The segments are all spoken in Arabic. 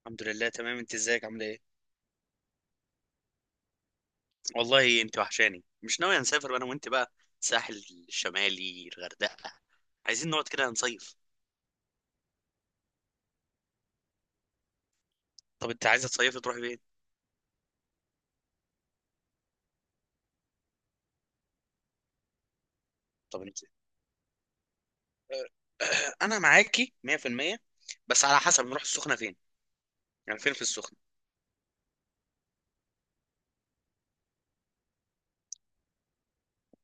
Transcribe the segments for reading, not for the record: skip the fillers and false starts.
الحمد لله تمام، انت ازيك؟ عامله ايه؟ والله انت وحشاني، مش ناوي نسافر انا وانت بقى؟ الساحل الشمالي، الغردقه، عايزين نقعد كده نصيف. طب انت عايزه تصيفي تروحي فين؟ طب انت انا معاكي 100%، بس على حسب نروح السخنه فين، يعني فين في السخنه.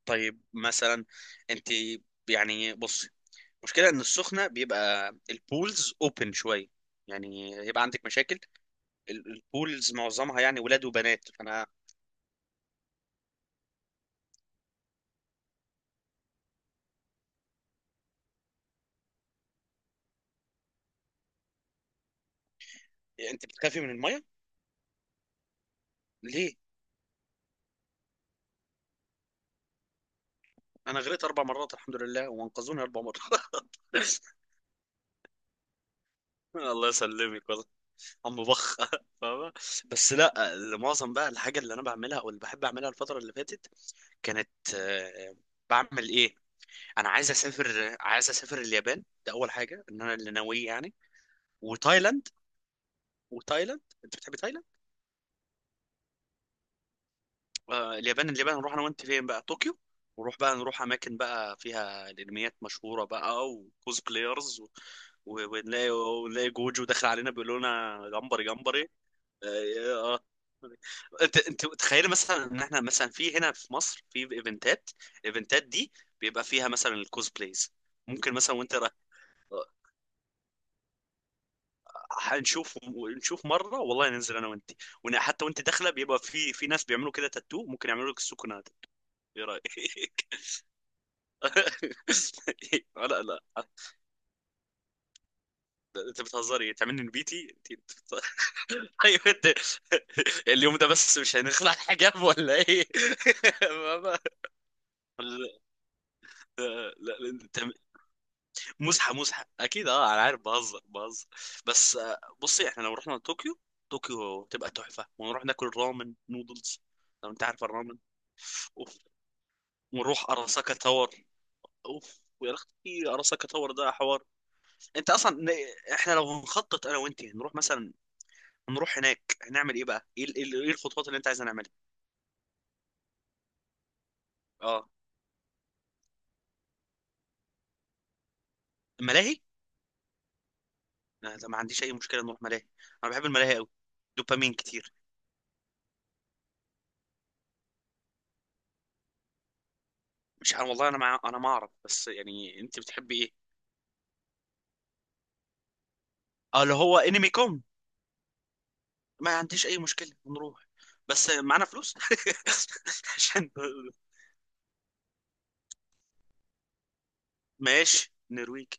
طيب مثلا، انت يعني بصي، المشكله ان السخنه بيبقى البولز اوبن شويه، يعني يبقى عندك مشاكل. البولز معظمها يعني ولاد وبنات، فانا. انت بتخافي من الميه؟ ليه؟ انا غرقت اربع مرات الحمد لله، وانقذوني اربع مرات الله يسلمك والله. عم بخ فاهمة. بس لا، معظم بقى الحاجة اللي انا بعملها او اللي بحب اعملها الفترة اللي فاتت كانت آه، بعمل ايه؟ انا عايز اسافر، عايز اسافر اليابان، ده اول حاجة ان انا اللي ناويه يعني. وتايلاند. وتايلاند، انت بتحب تايلاند؟ اليابان، اليابان نروح انا وانت فين بقى؟ طوكيو؟ ونروح بقى، نروح اماكن بقى فيها الانميات مشهوره بقى، وكوز بلايرز و... ونلاقي جوجو داخل علينا بيقول لنا جمبري جمبري. آه، آه. انت تخيل مثلا ان احنا مثلا في هنا في مصر في ايفنتات، الايفنتات دي بيبقى فيها مثلا الكوزبلايز. ممكن مثلا هنشوف، نشوف مره والله، ننزل انا وانت. وحتى وانت داخله بيبقى في ناس بيعملوا كده تاتو، ممكن يعملوا لك السكنه تاتو. ايه رايك؟ لا لا، انت بتهزري تعملني نبيتي؟ طيب انت، اليوم ده بس مش هنخلع الحجاب ولا ايه؟ ماما. لا لا، انت مزحه مزحه اكيد، اه انا عارف، بهزر بهزر. بس بصي، احنا لو رحنا طوكيو، طوكيو تبقى تحفه، ونروح ناكل رامن نودلز. لو انت عارف الرامن. اوف. ونروح اراساكا تاور، اوف ويا اختي اراساكا تاور ده حوار. انت اصلا ن- احنا لو نخطط انا وانت نروح مثلا، نروح هناك هنعمل ايه بقى، ايه إيه الخطوات اللي انت عايز نعملها؟ اه، الملاهي. لا لا، ما عنديش اي مشكله نروح ملاهي، انا بحب الملاهي قوي، دوبامين كتير. مش عارف والله، انا مع... انا ما اعرف، بس يعني انت بتحبي ايه؟ اه، اللي هو انمي كوم. ما عنديش اي مشكله نروح، بس معانا فلوس عشان. ماشي نرويج.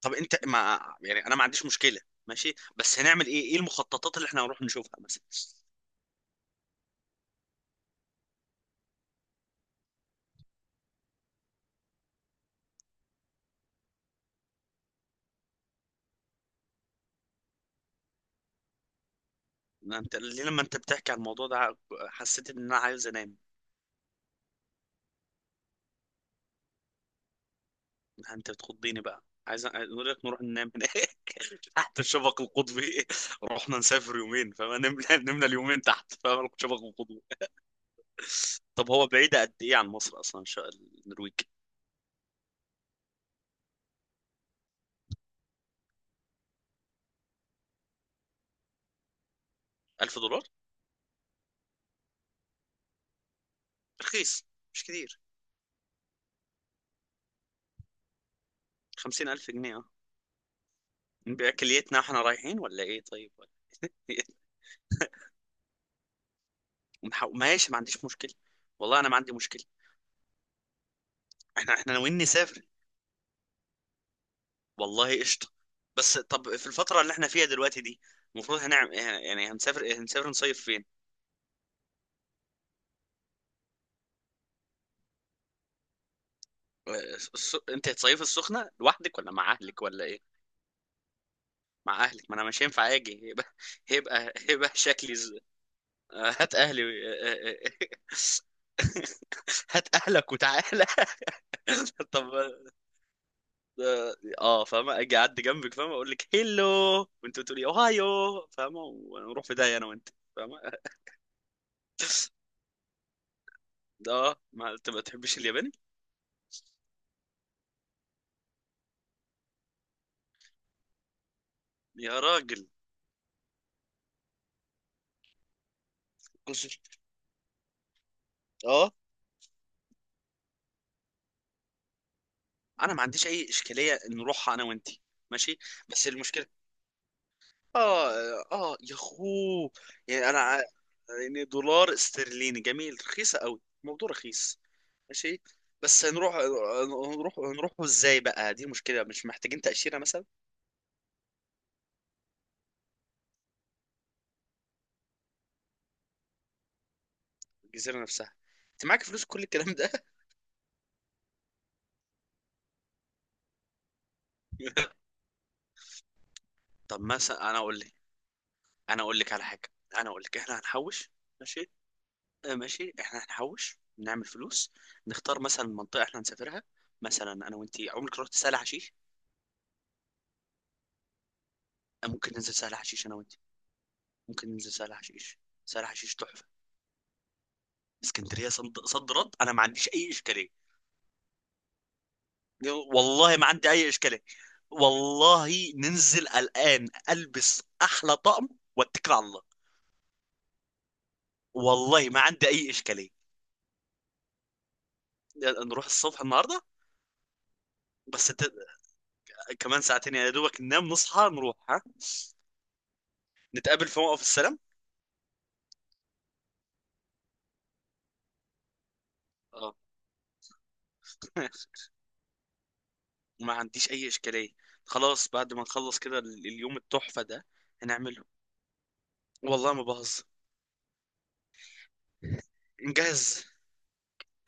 طب انت، ما يعني انا ما عنديش مشكله، ماشي، بس هنعمل ايه؟ ايه المخططات اللي احنا هنروح نشوفها مثلا؟ ما انت ليه لما انت بتحكي عن الموضوع ده حسيت ان انا عايز انام؟ انت بتخضيني بقى، عايز اقول لك نروح ننام هناك تحت الشفق القطبي. رحنا نسافر يومين، فما نمنا، نمنا اليومين تحت، فاهم، الشفق القطبي. طب هو بعيدة قد ايه عن مصر اصلا؟ النرويج. 1000 دولار، رخيص، مش كتير. 50000 جنيه، اه. باكليتنا احنا رايحين ولا ايه طيب؟ ولا إيه؟ ماشي، ما عنديش مشكلة، والله انا ما عندي مشكلة. احنا ناويين نسافر، والله قشطة. بس طب في الفترة اللي احنا فيها دلوقتي دي، المفروض هنعمل إيه؟ يعني هنسافر إيه؟ هنسافر نصيف فين؟ الس... انت هتصيفي السخنه لوحدك ولا مع اهلك ولا ايه؟ مع اهلك؟ ما انا مش هينفع اجي، هيبقى هيبقى شكلي ز... هات اهلي. هات اهلك وتعالى. طب، اه، فاهمه، اجي اعدي جنبك، فاهمه، اقول لك هيلو وانت تقولي اوهايو، فاهمه، ونروح في داهيه انا وانت، فاهمه. اه، ما انت ما تحبش الياباني. يا راجل. أجل. اه، انا ما عنديش اي اشكاليه نروحها انا وانت. ماشي، بس المشكله، اه، اه يا اخوه. يعني انا ع- يعني دولار استرليني جميل، رخيصه قوي الموضوع، رخيص، ماشي. بس هنروح ازاي بقى؟ دي مشكله، مش محتاجين تاشيره مثلا؟ الجزيره نفسها. انت معاك فلوس كل الكلام ده؟ طب مثلا، انا اقول لك على حاجه. انا اقول لك، احنا هنحوش، ماشي. ماشي، احنا هنحوش نعمل فلوس، نختار مثلا منطقه احنا هنسافرها. مثلا انا وانتي عمرك رحت سهل حشيش؟ ممكن ننزل سهل حشيش انا وانتي، ممكن ننزل سهل حشيش، سهل حشيش تحفه. اسكندريه صد رد، انا ما عنديش اي اشكاليه، والله ما عندي اي اشكاليه. والله ننزل الان، البس احلى طقم واتكل على الله. والله ما عندي اي اشكاليه. نروح الصبح النهارده. بس ت... كمان ساعتين يا دوبك، ننام نصحى نروح، ها. نتقابل في موقف السلام. اه. ما عنديش اي اشكاليه. خلاص، بعد ما نخلص كده اليوم التحفه ده هنعمله. والله ما بهزر. نجهز.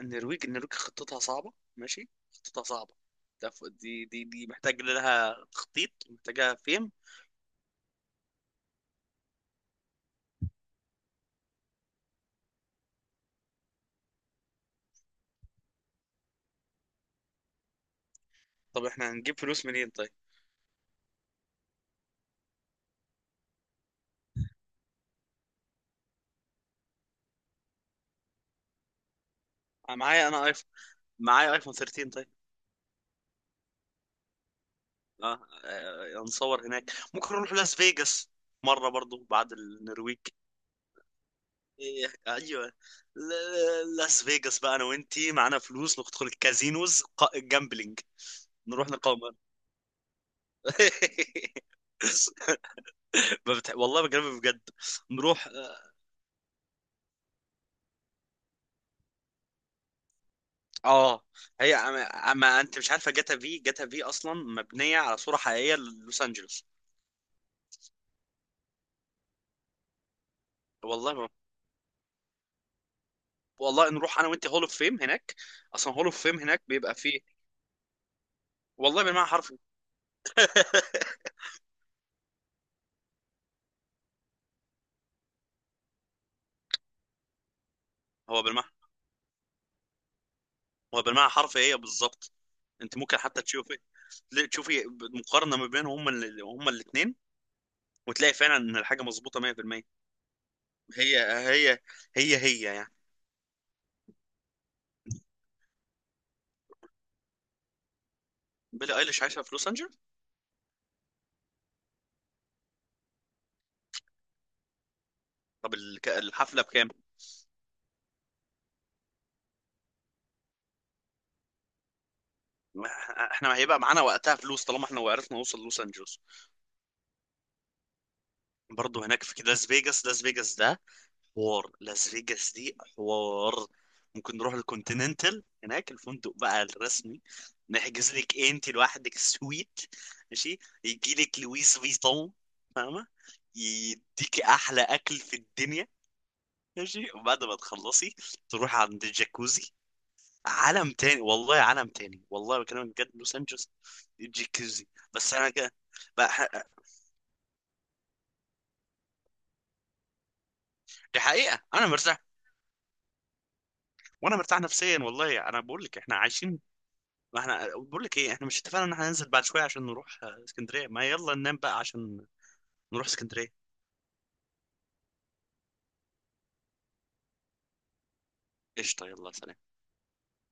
النرويج، النرويج خطتها صعبة، ماشي، خطتها صعبة، ده دي محتاج لها تخطيط، محتاجها فهم. طب احنا هنجيب فلوس منين طيب؟ أنا معايا انا ايفون، معايا ايفون 13، طيب. اه، هنصور هناك، ممكن نروح لاس فيجاس مرة برضو بعد النرويج. ايوه، لاس فيجاس بقى، انا وانتي معانا فلوس، ندخل الكازينوز، جامبلينج، نروح نقامر. ما بتح... والله بكلمك بجد، نروح اه. هي أما أما انت مش عارفه جاتا في، جاتا في اصلا مبنيه على صوره حقيقيه للوس انجلوس. والله ما والله نروح انا وانت هول اوف فيم هناك، اصلا هول اوف فيم هناك بيبقى فيه. والله بالمعنى حرفي. هو بالمعنى هو بالمعنى حرفي، هي بالظبط. انت ممكن حتى تشوفي، تشوفي مقارنه ما بينهم، هما هما الاثنين، وتلاقي فعلا ان الحاجه مظبوطه 100%. هي هي هي يعني. بيلي ايليش عايشه في لوس انجلوس. طب الحفله بكام؟ ما- احنا هيبقى معانا وقتها فلوس، طالما احنا وعرفنا نوصل لوس انجلوس. برضه هناك في لاس فيجاس، لاس فيجاس ده حوار لاس فيجاس دي حوار. ممكن نروح الكونتيننتال هناك، الفندق بقى الرسمي، نحجز لك انت لوحدك سويت، ماشي، يجي لك لويس فيتون، فاهمه، يديكي احلى اكل في الدنيا، ماشي، وبعد ما تخلصي تروحي عند الجاكوزي. عالم تاني والله، عالم تاني والله، بكلمك بجد لوس انجلوس، الجاكوزي. بس انا كده بقى- دي حقيقه انا مرتاح، وانا مرتاح نفسيا، والله انا بقول لك احنا عايشين. ما احنا بقول لك ايه، احنا مش اتفقنا ان احنا ننزل بعد شويه عشان نروح اسكندريه؟ ما يلا ننام بقى عشان نروح اسكندريه. قشطه، يلا سلام.